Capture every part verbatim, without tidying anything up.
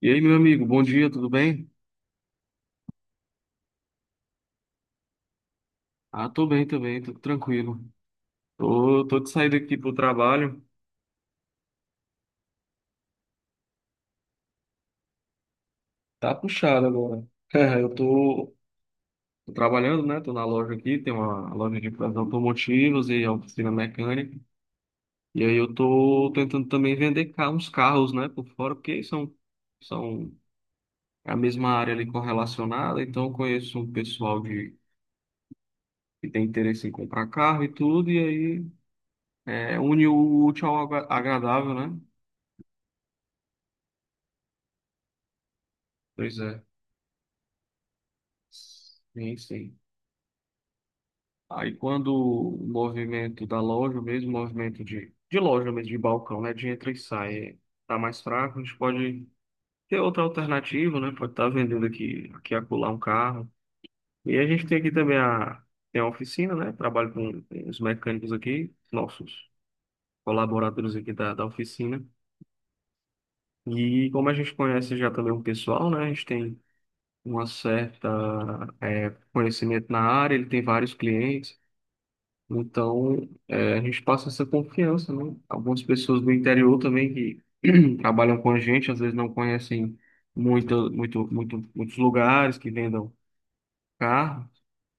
E aí, meu amigo, bom dia, tudo bem? Ah, tô bem também, tô tranquilo. Tô, tô de saída aqui pro trabalho. Tá puxado agora. É, Eu tô, tô trabalhando, né? Tô na loja aqui, tem uma loja de peças automotivas e oficina mecânica. E aí eu tô tentando também vender ca- uns carros, né, por fora, porque são, são a mesma área ali correlacionada, então eu conheço um pessoal de, que tem interesse em comprar carro e tudo, e aí é, une o útil ao agra- agradável, né? Pois é. Sim, sim. Aí quando o movimento da loja, o mesmo movimento de, de loja mesmo, de balcão, né? De entra e sai, tá mais fraco, a gente pode ter outra alternativa, né? Pode estar vendendo aqui, aqui e acolá um carro. E a gente tem aqui também a, tem a oficina, né? Trabalho com, com os mecânicos aqui, nossos colaboradores aqui da, da oficina. E como a gente conhece já também o pessoal, né? A gente tem uma certa, eh, conhecimento na área, ele tem vários clientes. Então, é, a gente passa essa confiança, né? Algumas pessoas do interior também que trabalham com a gente, às vezes não conhecem muito, muito, muito, muitos lugares que vendam carro.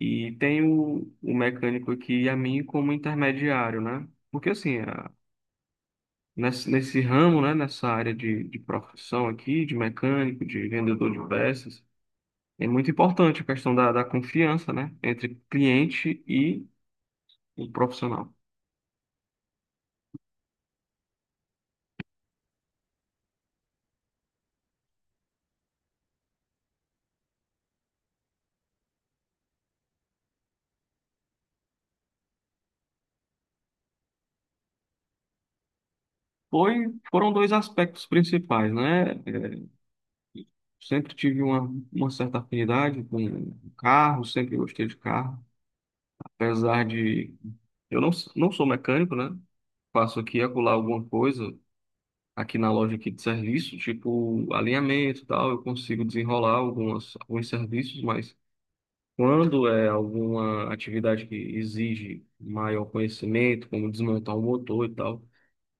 E tem o, o mecânico aqui e a mim como intermediário, né? Porque assim, a- nesse, nesse ramo, né? Nessa área de, de profissão aqui, de mecânico, de vendedor de peças, é muito importante a questão da, da confiança, né? Entre cliente e o profissional. Foi, foram dois aspectos principais, né? É, sempre tive uma, uma certa afinidade com carro, sempre gostei de carro, apesar de eu não, s- não sou mecânico, né? Faço aqui e acolá alguma coisa aqui na loja aqui de serviço, tipo alinhamento e tal, eu consigo desenrolar algumas, alguns serviços, mas quando é alguma atividade que exige maior conhecimento, como desmontar um motor e tal,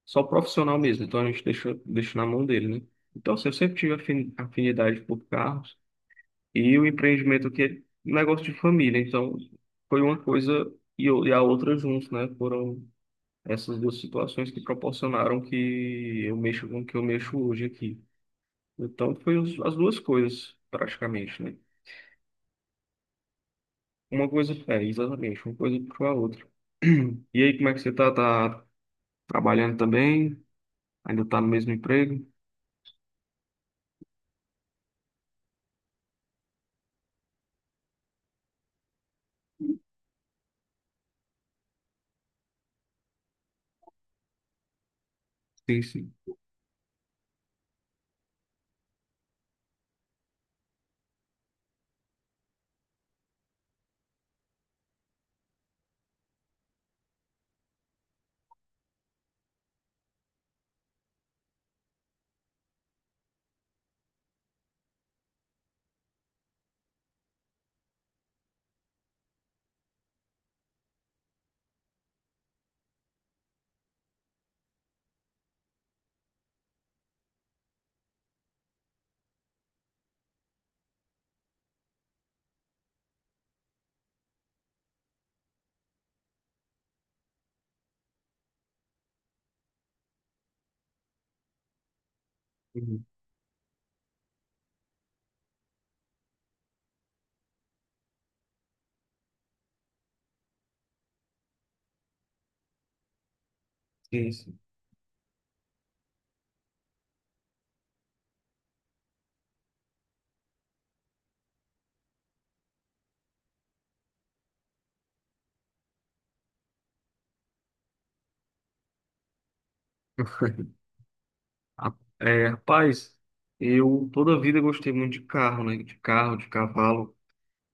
só o profissional mesmo, então a gente deixa deixa na mão dele, né? Então, assim, eu sempre tive afin- afinidade por carros e o empreendimento que é um negócio de família, então foi uma coisa e o- e a outra juntos, né? Foram essas duas situações que proporcionaram que eu mexo com o que eu mexo hoje aqui. Então, foi os- as duas coisas, praticamente, né? Uma coisa, é, exatamente, uma coisa puxou a outra. E aí, como é que você tá? Tá trabalhando também? Ainda tá no mesmo emprego? Sim, sim. Uhum. Sim, sim. É, rapaz, eu toda a vida gostei muito de carro, né? De carro, de cavalo.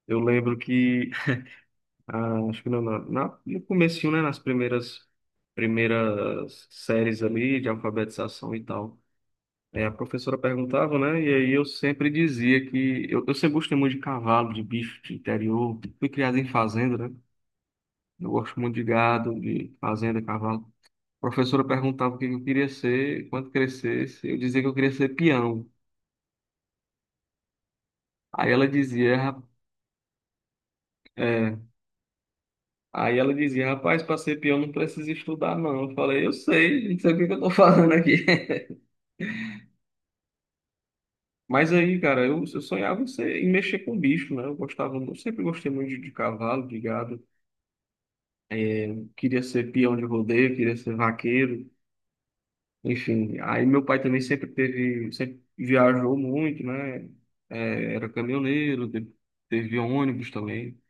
Eu lembro que, ah, acho que na, na, na- no comecinho, né? Nas primeiras, primeiras séries ali de alfabetização e tal. É, a professora perguntava, né? E aí eu sempre dizia que... Eu, eu sempre gostei muito de cavalo, de bicho, de interior. Fui criado em fazenda, né? Eu gosto muito de gado, de fazenda, cavalo. A professora perguntava o que eu queria ser quando crescesse. Eu dizia que eu queria ser peão. Aí ela dizia, "Ra- é, aí ela dizia, rapaz, para ser peão não precisa estudar, não. Eu falei, eu sei, não sei o que que eu tô falando aqui. Mas aí, cara, eu, eu sonhava em ser, em mexer com bicho, né? Eu gostava, eu sempre gostei muito de, de cavalo, de gado. Queria ser peão de rodeio, queria ser vaqueiro, enfim. Aí meu pai também sempre teve, sempre viajou muito, né? É, era caminhoneiro, teve, teve ônibus também.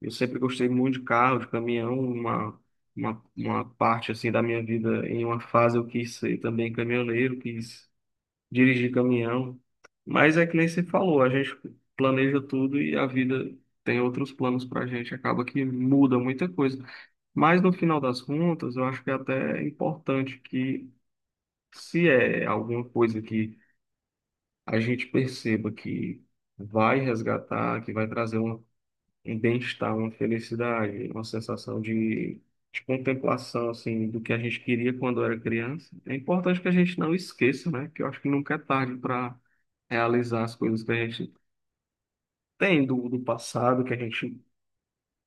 Eu sempre gostei muito de carro, de caminhão, uma, uma, uma parte assim da minha vida, em uma fase eu quis ser também caminhoneiro, quis dirigir caminhão. Mas é que nem você falou, a gente planeja tudo e a vida tem outros planos pra gente, acaba que muda muita coisa. Mas no final das contas, eu acho que é até importante que se é alguma coisa que a gente perceba que vai resgatar, que vai trazer um um bem-estar, uma felicidade, uma sensação de, de contemplação, assim, do que a gente queria quando era criança. É importante que a gente não esqueça, né? Que eu acho que nunca é tarde para realizar as coisas que a gente tem do, do passado, que a gente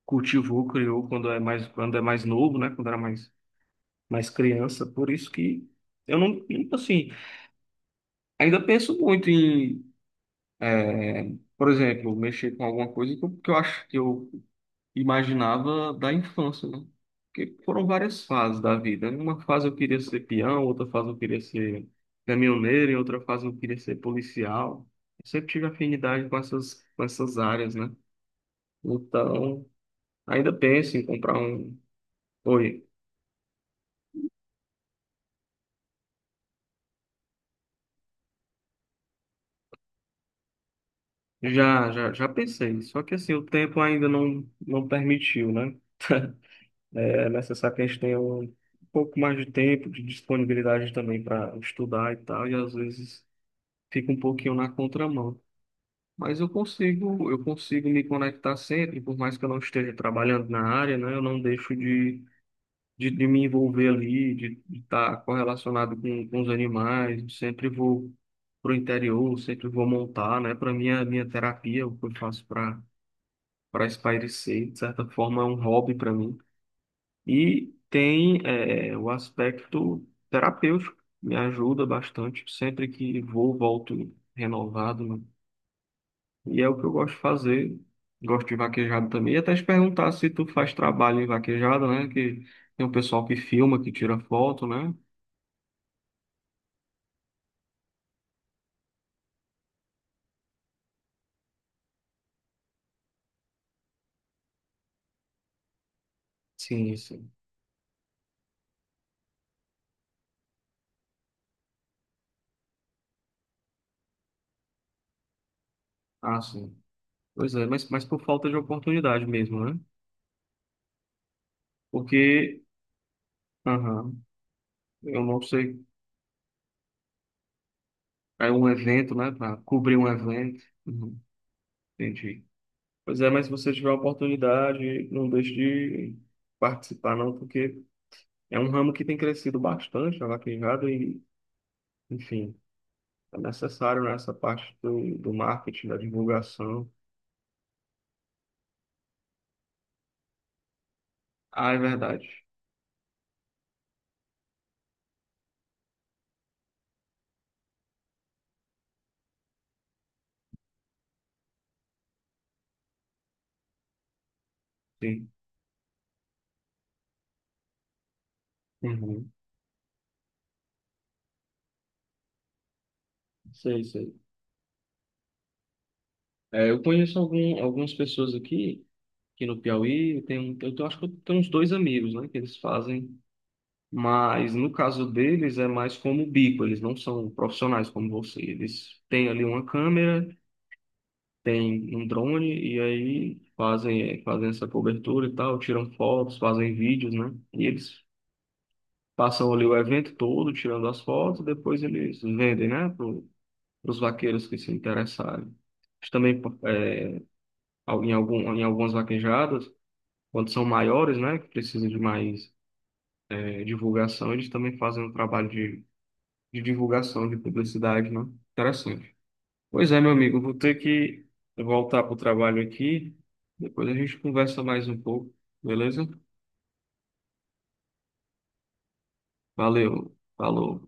cultivou, criou quando é mais, quando é mais novo, né? Quando era mais, mais criança. Por isso que eu não, nunca, assim, ainda penso muito em, eh, por exemplo, mexer com alguma coisa que eu que eu acho que eu imaginava da infância, né? Porque foram várias fases da vida. Em uma fase eu queria ser peão, outra fase eu queria ser caminhoneiro, em outra fase eu queria ser policial. Eu sempre tive afinidade com essas, com essas áreas, né? Então, ainda penso em comprar um. Oi, já, já, já pensei. Só que assim, o tempo ainda não, não permitiu, né? É necessário que a gente tenha um pouco mais de tempo, de disponibilidade também para estudar e tal, e às vezes fica um pouquinho na contramão. Mas eu consigo, eu consigo me conectar sempre, por mais que eu não esteja trabalhando na área, né? Eu não deixo de, de, de me envolver ali, de estar correlacionado com, com os animais. Eu sempre vou para o interior, sempre vou montar, né? Para mim, a minha terapia, o que eu faço para para espairecer, de certa forma, é um hobby para mim. E tem eh, o aspecto terapêutico, me ajuda bastante. Sempre que vou, volto renovado, né. E é o que eu gosto de fazer. Gosto de vaquejada também. E até te perguntar se tu faz trabalho em vaquejada, né? Que tem um pessoal que filma, que tira foto, né? Sim, sim. Ah, sim. Pois é, mas, mas por falta de oportunidade mesmo, né? Porque, aham, eu não sei, é um evento, né? Para cobrir um evento. Uhum, entendi. Pois é, mas se você tiver a oportunidade, não deixe de participar, não, porque é um ramo que tem crescido bastante, a vaquejada, e, enfim. É necessário nessa parte do, do marketing, da divulgação. Ah, é verdade. Sim. Uhum. Sei, sei. É, eu conheço algum, algumas pessoas aqui, aqui no Piauí. Eu tenho, eu tenho acho que eu tenho uns dois amigos, né, que eles fazem. Mas no caso deles é mais como bico, eles não são profissionais como você. Eles têm ali uma câmera, têm um drone e aí fazem, é, fazem essa cobertura e tal, tiram fotos, fazem vídeos, né? E eles passam ali o evento todo, tirando as fotos, depois eles vendem, né, para os vaqueiros que se interessarem. Eles também é, em, algum, em algumas vaquejadas, quando são maiores, né, que precisam de mais é, divulgação, eles também fazem um trabalho de, de divulgação, de publicidade, né? Interessante. Pois é, meu amigo, vou ter que voltar para o trabalho aqui. Depois a gente conversa mais um pouco, beleza? Valeu, falou.